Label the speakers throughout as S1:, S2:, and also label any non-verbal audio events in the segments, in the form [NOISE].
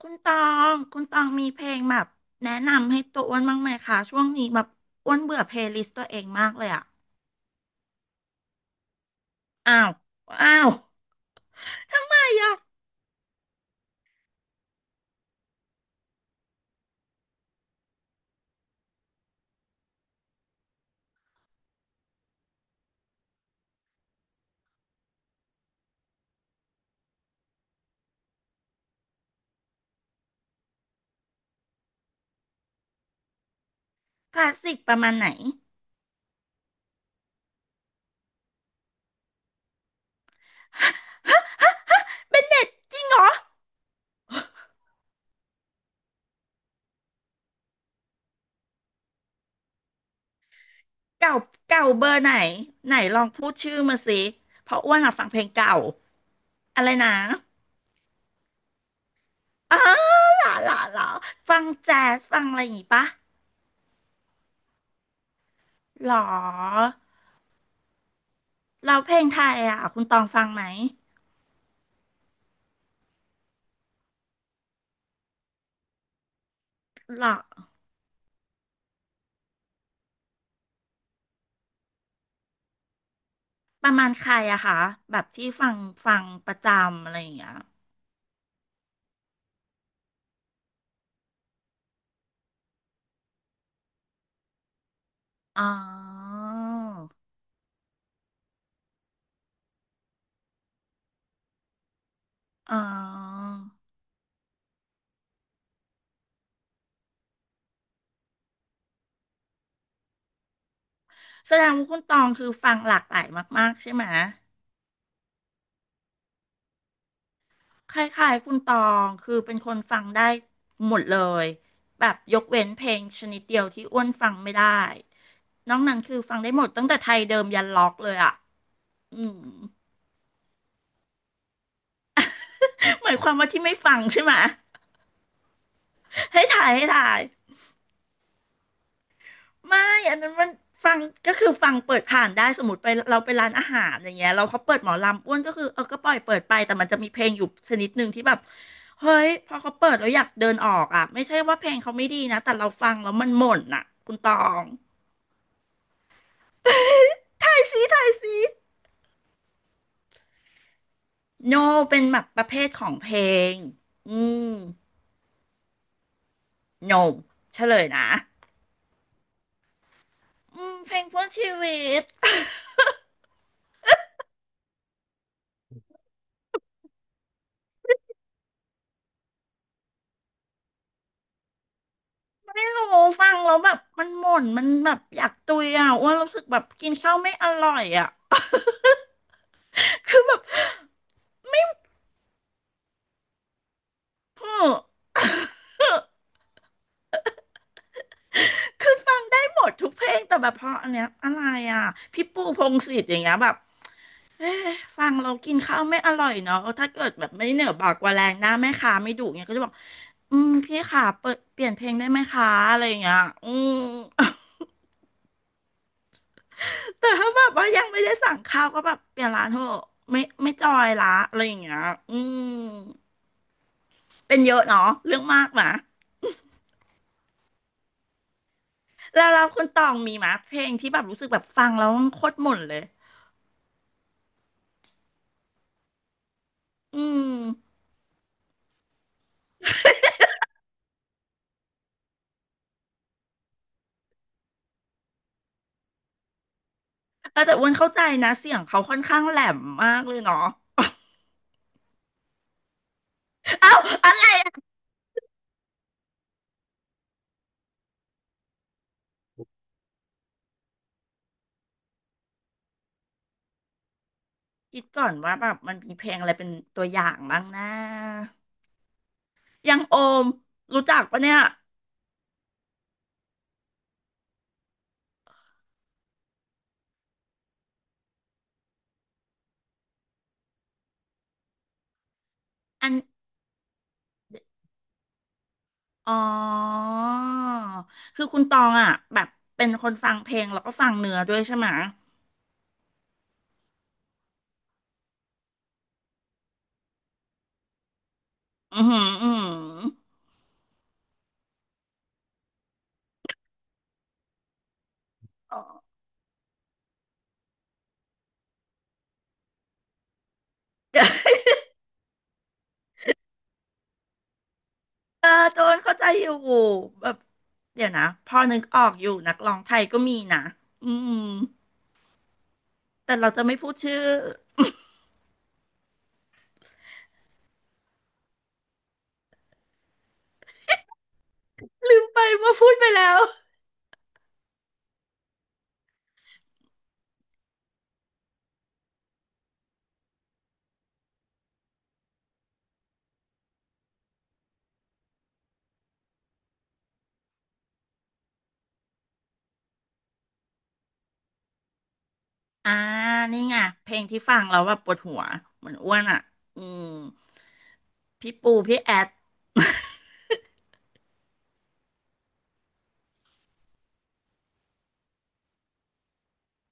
S1: คุณตองคุณตองมีเพลงแบบแนะนำให้ตัวอ้วนบ้างไหมคะช่วงนี้แบบอ้วนเบื่อเพลย์ลิสต์ตัวเองมากเลยอะอ้าวอ้าว ทำไมอะคลาสสิกประมาณไหนเป็นเด็ดจริงเหรอเก่าเก่าเบอร์ไหนไหนลองพูดชื่อมาสิเพราะอ้วนอะฟังเพลงเก่า อะไรนะอ้าวหล่อหล่อหล่อฟังแจ๊สฟังอะไรอย่างงี้ปะหรอเราเพลงไทยอะคุณตองฟังไหมหรอ ประมาณใครอะคะแบบที่ฟังฟังประจำอะไรอย่างเงี้ยอ๋ออ๋อแสดงว่าคุณตองคือฟังหลากหลายมากๆใช่ไหม คล้ายๆคุณตองคือเป็นคนฟังได้หมดเลยแบบยกเว้นเพลงชนิดเดียวที่อ้วนฟังไม่ได้นอกนั้นคือฟังได้หมดตั้งแต่ไทยเดิมยันล็อกเลยอะอืม [LAUGHS] หมายความว่าที่ไม่ฟังใช่ไหมให้ถ่ายให้ถ่าย ไม่อันนั้นมันฟังก็คือฟังเปิดผ่านได้สมมติไปเราไปร้านอาหารอย่างเงี้ยเราเขาเปิดหมอลำอ้วนก็คือเออก็ปล่อยเปิดไปแต่มันจะมีเพลงอยู่ชนิดหนึ่งที่แบบเฮ้ยพอเขาเปิดแล้วอยากเดินออกอ่ะไม่ใช่ว่าเพลงเขาไม่ดีนะแต่เราฟังแล้วมันหม่นอ่ะคุณตองถ่ายสีถายสี no เป็นแบบประเภทของเพลงอืม no เฉลยนะอืมเพลงเพื่อชีวิตไม่รู้ฟังแล้วแบบมันหม่นมันแบบอยากตุยอ่ะอ้วนรู้สึกแบบกินข้าวไม่อร่อยอ่ะ คือแบบ [GASPS] คือฟังได้หมดทุกเพลงแต่แบบเพราะอันเนี้ยอะไรอ่ะพี่ปูพงษ์สิทธิ์อย่างเงี้ยแบบเอ๊ะฟังเรากินข้าวไม่อร่อยเนาะถ้าเกิดแบบไม่เหนือบากกว่าแรงหน้าแม่ค้าไม่ดุเงี้ยก็จะบอกอืมพี่ขาเปิดเปลี่ยนเพลงได้ไหมคะอะไรอย่างเงี้ยอืม [LAUGHS] แต่ถ้าแบบว่ายังไม่ได้สั่งข้าวก็แบบเปลี่ยนร้านเถอะไม่ไม่จอยละอะไรอย่างเงี้ยอืมเป็นเยอะเนาะเรื่องมากนะ แล้วเราคนตองมีมะเพลงที่แบบรู้สึกแบบฟังแล้วโคตรหม่นเลย อืมเออแต่อ้วนเข้าใจนะเสียงเขาค่อนข้างแหลมมากเลยเนาะเอ้าอะไรอะคิดก่อนว่าแบบมันมีเพลงอะไรเป็นตัวอย่างบ้างนะ ยังโอมรู้จักปะเนี่ยอันอ๋อ คือคุณตองอ่ะแบบเป็นคนฟังเพลงแล้วก็ฟังเนื้อด้วยใช่ไหมะอือหืออือหืออ๋อ เออโดนเข้าใจอยู่แบบเดี๋ยวนะพอนึกออกอยู่นักร้องไทยก็มีนะอืมแต่เราจะไม่พูดชื่อลืมไปว่าพูดไปแล้วอ่านี่ไงเพลงที่ฟังแล้วแบบปวดหัวเหมือนอ้วนอ่ะอืมพี่ปูพี่แอด [LAUGHS]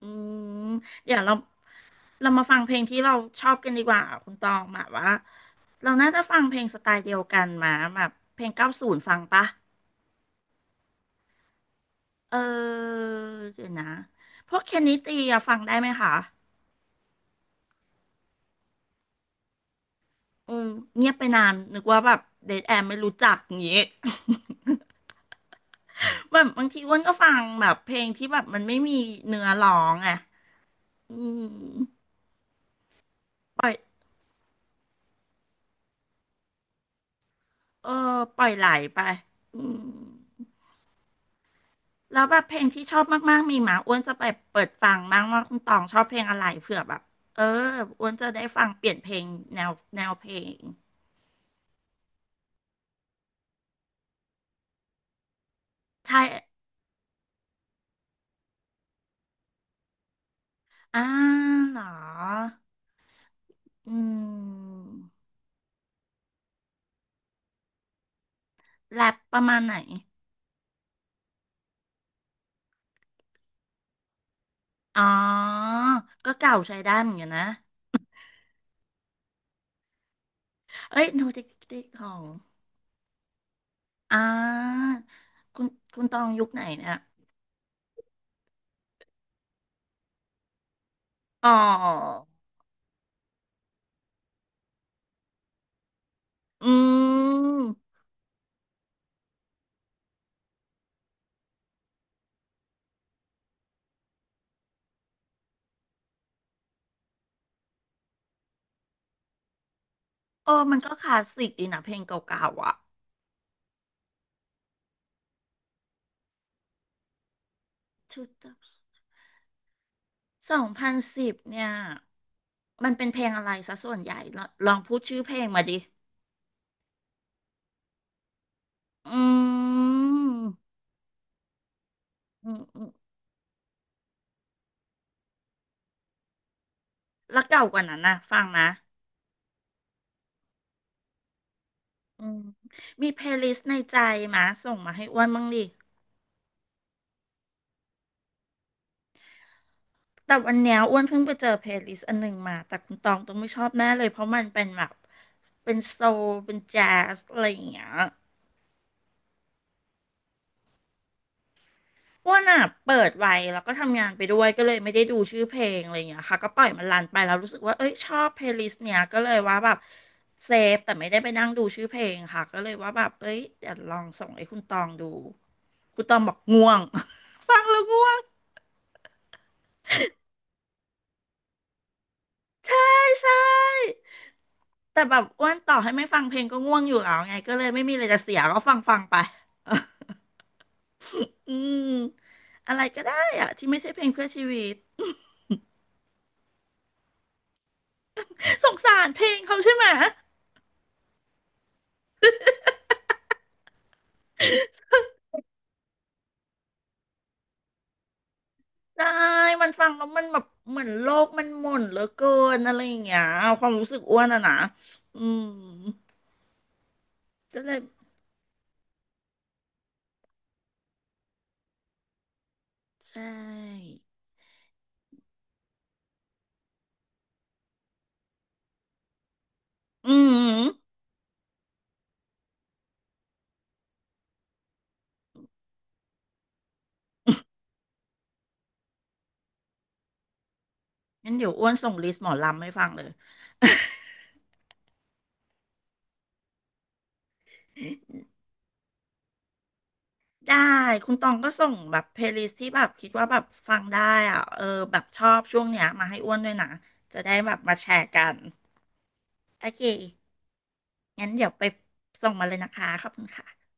S1: อืมเดี๋ยวเรามาฟังเพลงที่เราชอบกันดีกว่าคุณตองแบบว่าเราน่าจะฟังเพลงสไตล์เดียวกันมาแบบเพลง90ฟังปะ เออเดี๋ยวนะพวกเคนนิตีอะฟังได้ไหมคะอืมเงียบไปนานนึกว่าแบบเดทแอมไม่รู้จักอย่างงี้ [LAUGHS] แบบบางทีอ้วนก็ฟังแบบเพลงที่แบบมันไม่มีเนื้อร้องอะอืมปล่อยเออปล่อยไหลไปอืมแล้วแบบเพลงที่ชอบมากๆมีหมาอ้วนจะไปเปิดฟังบ้างว่าคุณตองชอบเพลงอะไรเผื่อแบบเอออ้วนจะได้ฟังเปลี่ยนเพลงแนวแนวเพลงใช่อ่าเหรอ อืมแรปประมาณไหนอ๋อ ก็เก่าใช้ได้เหมือนกันนะเอ้ยโนติติของอ่าคุณคุณตองยุคไหนเนี่ยอ๋ออืมเออมันก็คลาสสิกดีนะเพลงเก่าๆอ่ะชุด2010เนี่ย มันเป็นเพลงอะไรซะส่วนใหญ่ลองพูดชื่อเพลงมาดิ อืมอืมอืมแล้วเก่ากว่านั้นนะฟังนะ อืมมีเพลย์ลิสต์ในใจมาส่งมาให้อ้วนบ้างดิแต่วันเนี้ยอ้วนเพิ่งไปเจอเพลย์ลิสต์อันหนึ่งมา แต่คุณตองต้องไม่ชอบแน่เลยเพราะมันเป็นแบบเป็นโซลเป็นแจ๊สอะไรอย่างเงี้ยอ้วนอ่ะเปิดไว้แล้วก็ทำงานไปด้วยก็เลยไม่ได้ดูชื่อเพลงอะไรอย่างเงี้ยค่ะก็ปล่อยมันรันไปแล้วรู้สึกว่าเอ้ยชอบเพลย์ลิสต์เนี้ยก็เลยว่าแบบเซฟแต่ไม่ได้ไปนั่งดูชื่อเพลงค่ะก็เลยว่าแบบเอ้ยเดี๋ยวลองส่งให้คุณตองดูคุณตองบอกง่วง [LAUGHS] ฟังแล้วง่วงใช่ใช่ แต่แบบอ้วนต่อให้ไม่ฟังเพลงก็ง่วงอยู่แล้วไงก็เลยไม่มีอะไรจะเสียก็ฟังไป [LAUGHS] อืมอะไรก็ได้อะที่ไม่ใช่เพลงเพื่อชีวิตสงสารเพลงเขาใช่ไหมได้มันฟังแล้วมันแบบเหมือนโลกมันหม่นเหลือเกินอะไรอย่างเงี้ยความรู้สึกอ้วนอะนะอืมก็เลยใช่อืมงั้นเดี๋ยวอ้วนส่งลิสต์หมอลำให้ฟังเลย [LAUGHS] ได้คุณตองก็ส่งแบบเพลย์ลิสที่แบบคิดว่าแบบฟังได้อ่ะเออแบบชอบช่วงเนี้ยมาให้อ้วนด้วยนะจะได้แบบมาแชร์กันโอเคงั้นเดี๋ยวไปส่งมาเลยนะคะขอบคุณค่ะ